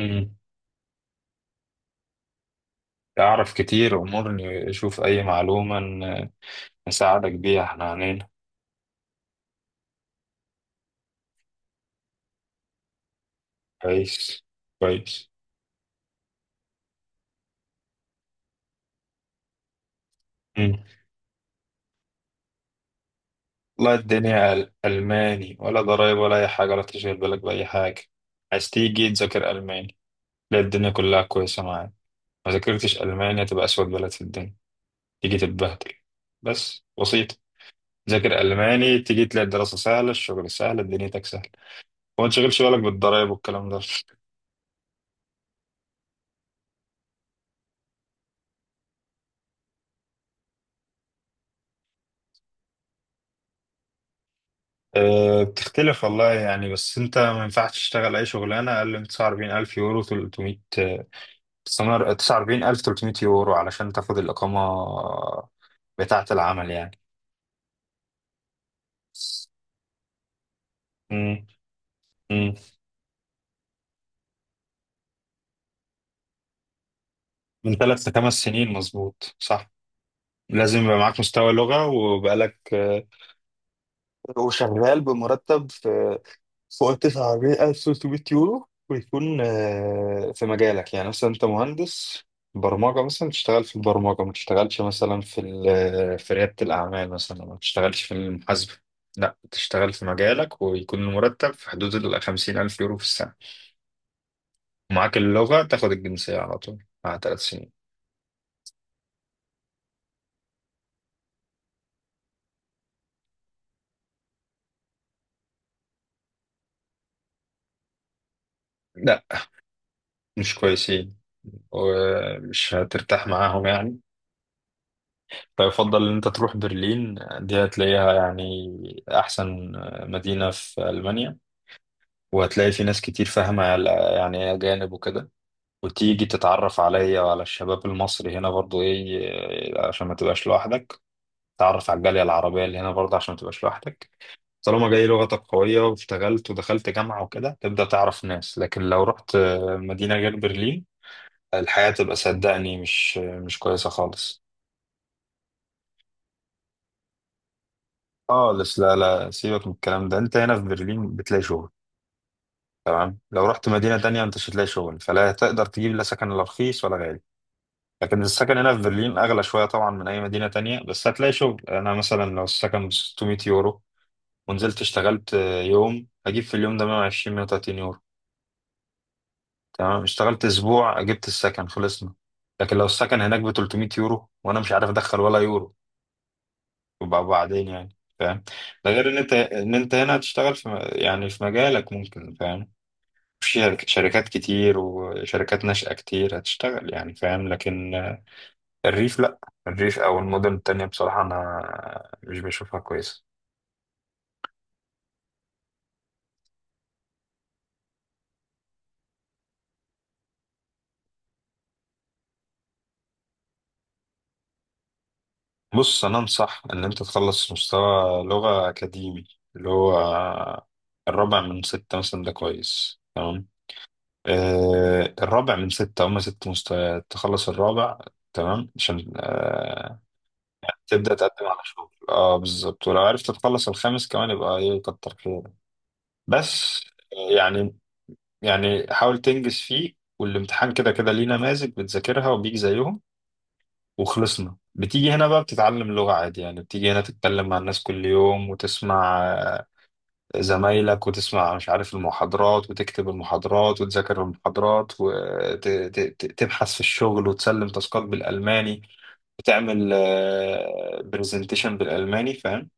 مم. أعرف كتير، أمورني أشوف أي معلومة نساعدك بيها إحنا عنينا. كويس كويس. مم. والله الدنيا ألماني ولا ضرايب ولا أي حاجة ولا تشغل بالك بأي حاجة. عايز تيجي تذاكر ألماني؟ لا، الدنيا كلها كويسة معاك. ما ذاكرتش ألماني، هتبقى أسود بلد في الدنيا، تيجي تتبهدل بس بسيط. ذاكر ألماني تيجي تلاقي الدراسة سهلة، الشغل سهل، دنيتك سهلة، وما تشغلش بالك بالضرايب والكلام ده. أه بتختلف والله يعني، بس انت ما ينفعش تشتغل اي شغلانه اقل من 49,000 يورو 300 49,300 يورو علشان تاخد الاقامه بتاعه العمل يعني. امم، امم. من ثلاث لخمس سنين، مظبوط، صح. لازم يبقى معاك مستوى لغه وبقالك وشغال بمرتب في فوق 9,300 يورو، ويكون في مجالك. يعني مثلا انت مهندس برمجة، مثلا تشتغل في البرمجة، ما تشتغلش مثلا في ريادة الأعمال مثلا، ما تشتغلش في المحاسبة. لا، تشتغل في مجالك ويكون المرتب في حدود ال 50 ألف يورو في السنة. ومعاك اللغة تاخد الجنسية على طول مع ثلاث سنين. لا، مش كويسين ومش هترتاح معاهم يعني. فيفضل ان انت تروح برلين، دي هتلاقيها يعني احسن مدينة في المانيا، وهتلاقي في ناس كتير فاهمة يعني ايه اجانب وكده. وتيجي تتعرف عليا وعلى الشباب المصري هنا برضو ايه عشان ما تبقاش لوحدك، تعرف على الجالية العربية اللي هنا برضو عشان ما تبقاش لوحدك. طالما جاي لغتك قوية واشتغلت ودخلت جامعة وكده تبدأ تعرف ناس، لكن لو رحت مدينة غير برلين، الحياة تبقى صدقني مش كويسة خالص. خالص، لا لا، سيبك من الكلام ده. انت هنا في برلين بتلاقي شغل، لو رحت مدينة تانية انت مش هتلاقي شغل، فلا هتقدر تجيب لا سكن لا رخيص ولا غالي. لكن السكن هنا في برلين اغلى شوية طبعا من اي مدينة تانية، بس هتلاقي شغل. انا مثلا لو السكن ب 600 يورو ونزلت اشتغلت يوم، هجيب في اليوم ده 120 130 يورو. تمام، اشتغلت اسبوع جبت السكن، خلصنا. لكن لو السكن هناك ب 300 يورو وانا مش عارف ادخل ولا يورو، يبقى بعدين يعني، فاهم؟ ده غير ان انت هنا هتشتغل يعني في مجالك، ممكن فاهم، شركات كتير وشركات ناشئة كتير هتشتغل يعني، فاهم؟ لكن الريف لأ. الريف أو المدن التانية بصراحة أنا مش بشوفها كويسة. بص، أنا أنصح إن أنت تخلص مستوى لغة أكاديمي، اللي هو الرابع من ستة مثلا، ده كويس تمام. آه الرابع من ستة، هما ست مستويات، تخلص الرابع تمام عشان تبدأ تقدم على شغل، اه بالظبط. ولو عرفت تخلص الخامس كمان يبقى ايه، كتر خيرك. بس آه، يعني يعني حاول تنجز فيه. والامتحان كده كده ليه نماذج بتذاكرها وبيجي زيهم وخلصنا. بتيجي هنا بقى بتتعلم لغة عادي يعني، بتيجي هنا تتكلم مع الناس كل يوم وتسمع زمايلك، وتسمع مش عارف المحاضرات وتكتب المحاضرات وتذاكر المحاضرات وتبحث في الشغل وتسلم تاسكات بالألماني، وتعمل برزنتيشن بالألماني، فاهم؟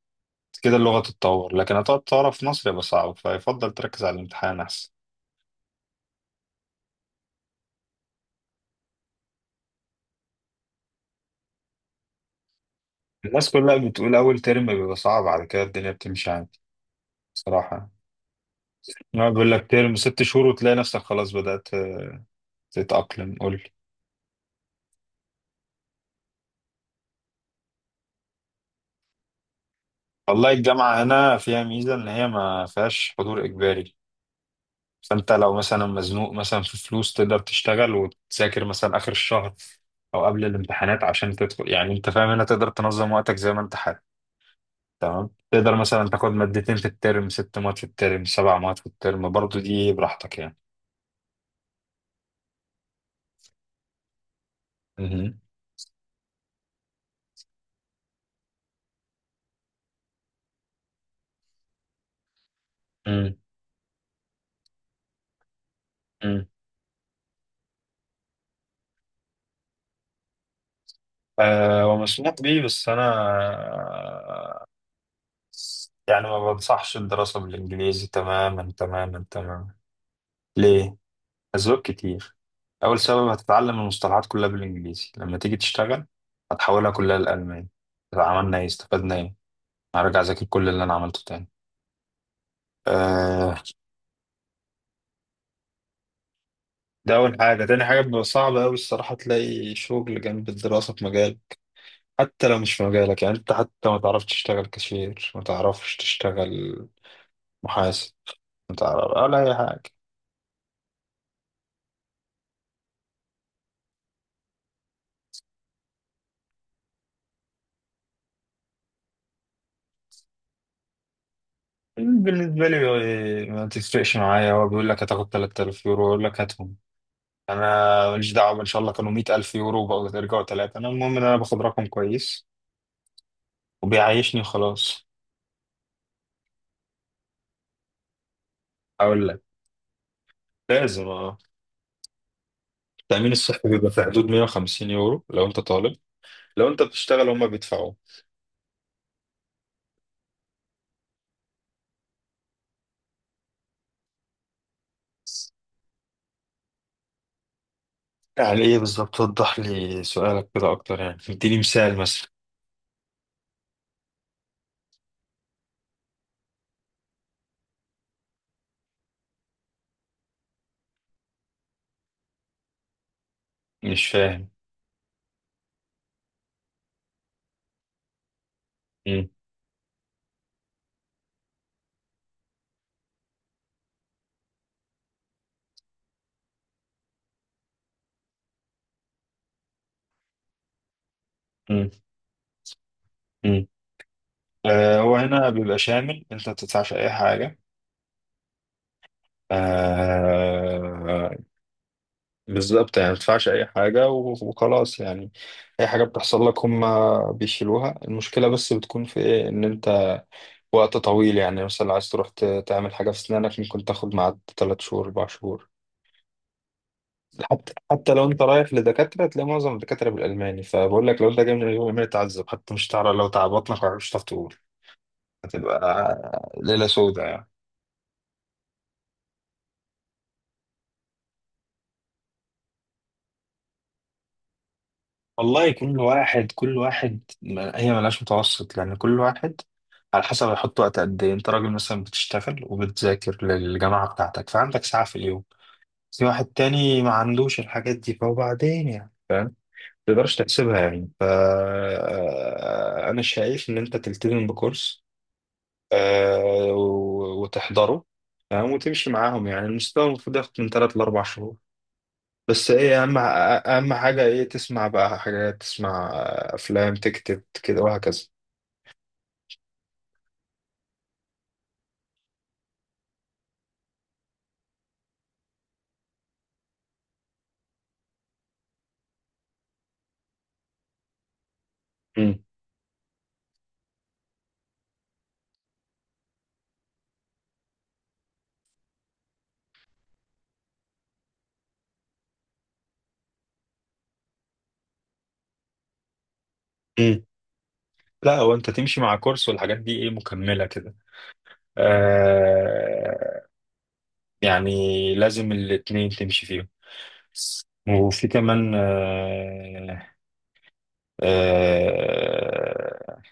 كده اللغة تتطور. لكن هتقعد تعرف في مصر يبقى صعب، فيفضل تركز على الامتحان أحسن. الناس كلها بتقول أول ترم بيبقى صعب، على كده الدنيا بتمشي عادي بصراحة. يعني بيقول لك ترم ست شهور وتلاقي نفسك خلاص بدأت تتأقلم، قول لي. والله الجامعة هنا فيها ميزة إن هي ما فيهاش حضور إجباري، فأنت لو مثلا مزنوق مثلا في فلوس تقدر تشتغل وتذاكر مثلا آخر الشهر أو قبل الامتحانات عشان تدخل يعني. أنت فاهم؟ هنا تقدر تنظم وقتك زي ما أنت حابب. تمام، تقدر مثلا تاخد مادتين في الترم، ست مواد في الترم، سبع مواد في الترم، برضو دي براحتك يعني. مهم. مم. هو مشموق بيه، بس أنا آه، يعني ما بنصحش الدراسة بالإنجليزي تماما تماما تماما. ليه؟ أسباب كتير. أول سبب، هتتعلم المصطلحات كلها بالإنجليزي، لما تيجي تشتغل هتحولها كلها للألماني. طب عملنا إيه؟ استفدنا إيه؟ هرجع أذاكر كل اللي أنا عملته تاني. آه، ده أول حاجة. تاني حاجة، بيبقى صعب أوي الصراحة تلاقي شغل جنب الدراسة في مجال، حتى لو مش في مجالك يعني. أنت حتى ما تعرفش تشتغل كاشير، ما تعرفش تشتغل محاسب، متعرف ولا اي حاجه. بالنسبه لي إيه، ما تفرقش معايا. هو بيقول لك هتاخد 3,000 يورو، يقول لك هاتهم، انا ماليش دعوه، ان شاء الله كانوا 100,000 يورو وبقوا يرجعوا ثلاثه، انا المهم ان انا باخد رقم كويس وبيعيشني، خلاص. اقول لك، لازم اه، التامين الصحي بيبقى في حدود 150 يورو لو انت طالب. لو انت بتشتغل هما بيدفعوا. يعني ايه بالظبط؟ وضح لي سؤالك كده اكتر، يعني اديني مثال مثلا. مش فاهم. مم. مم. مم. هو هنا بيبقى شامل، انت ما بتدفعش اي حاجه. آه، بالظبط، يعني ما تدفعش اي حاجه وخلاص يعني. اي حاجه بتحصل لك هم بيشيلوها. المشكله بس بتكون في ايه، ان انت وقت طويل يعني، مثلا عايز تروح تعمل حاجه في اسنانك، ممكن تاخد معاد 3 شهور 4 شهور. حتى حتى لو انت رايح لدكاتره، تلاقي معظم الدكاتره بالالماني، فبقول لك لو انت جاي من الالماني تعذب، حتى مش تعرف، لو تعبطنك مش هتعرف تقول، هتبقى ليله سوداء يعني. والله كل واحد، هي ملهاش متوسط، لأن كل واحد على حسب هيحط وقت قد إيه. أنت راجل مثلا بتشتغل وبتذاكر للجامعة بتاعتك، فعندك ساعة في اليوم. في واحد تاني ما عندوش الحاجات دي فوبعدين يعني، ما تقدرش تحسبها يعني. ف أنا شايف إن أنت تلتزم بكورس وتحضره، تمام، وتمشي معاهم يعني. المستوى المفروض ياخد من ثلاث لأربع شهور، بس ايه، اهم حاجة ايه، تسمع بقى حاجات، تسمع افلام، تكتب كده، وهكذا. مم. مم. لا، هو انت تمشي مع كورس والحاجات دي ايه مكملة كده. آه، يعني لازم الاتنين تمشي فيهم. وفي كمان آه، آه،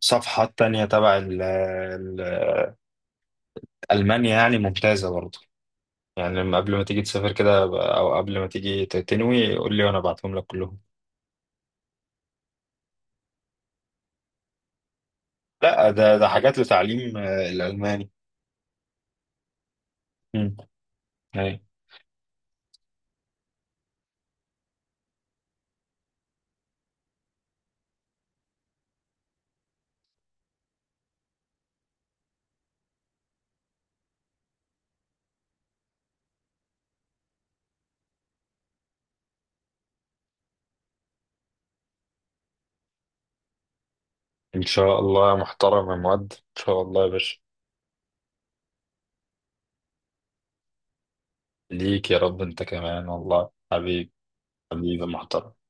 صفحات تانية تبع ألمانيا يعني، ممتازة برضه يعني. لما قبل ما تيجي تسافر كده، أو قبل ما تيجي تنوي قول لي وأنا أبعتهم لك كلهم. لا، ده حاجات لتعليم الألماني. مم. أي. إن شاء الله يا محترم، يا مؤدب، إن شاء الله يا باشا. ليك يا رب أنت كمان، والله حبيب. حبيبي محترم.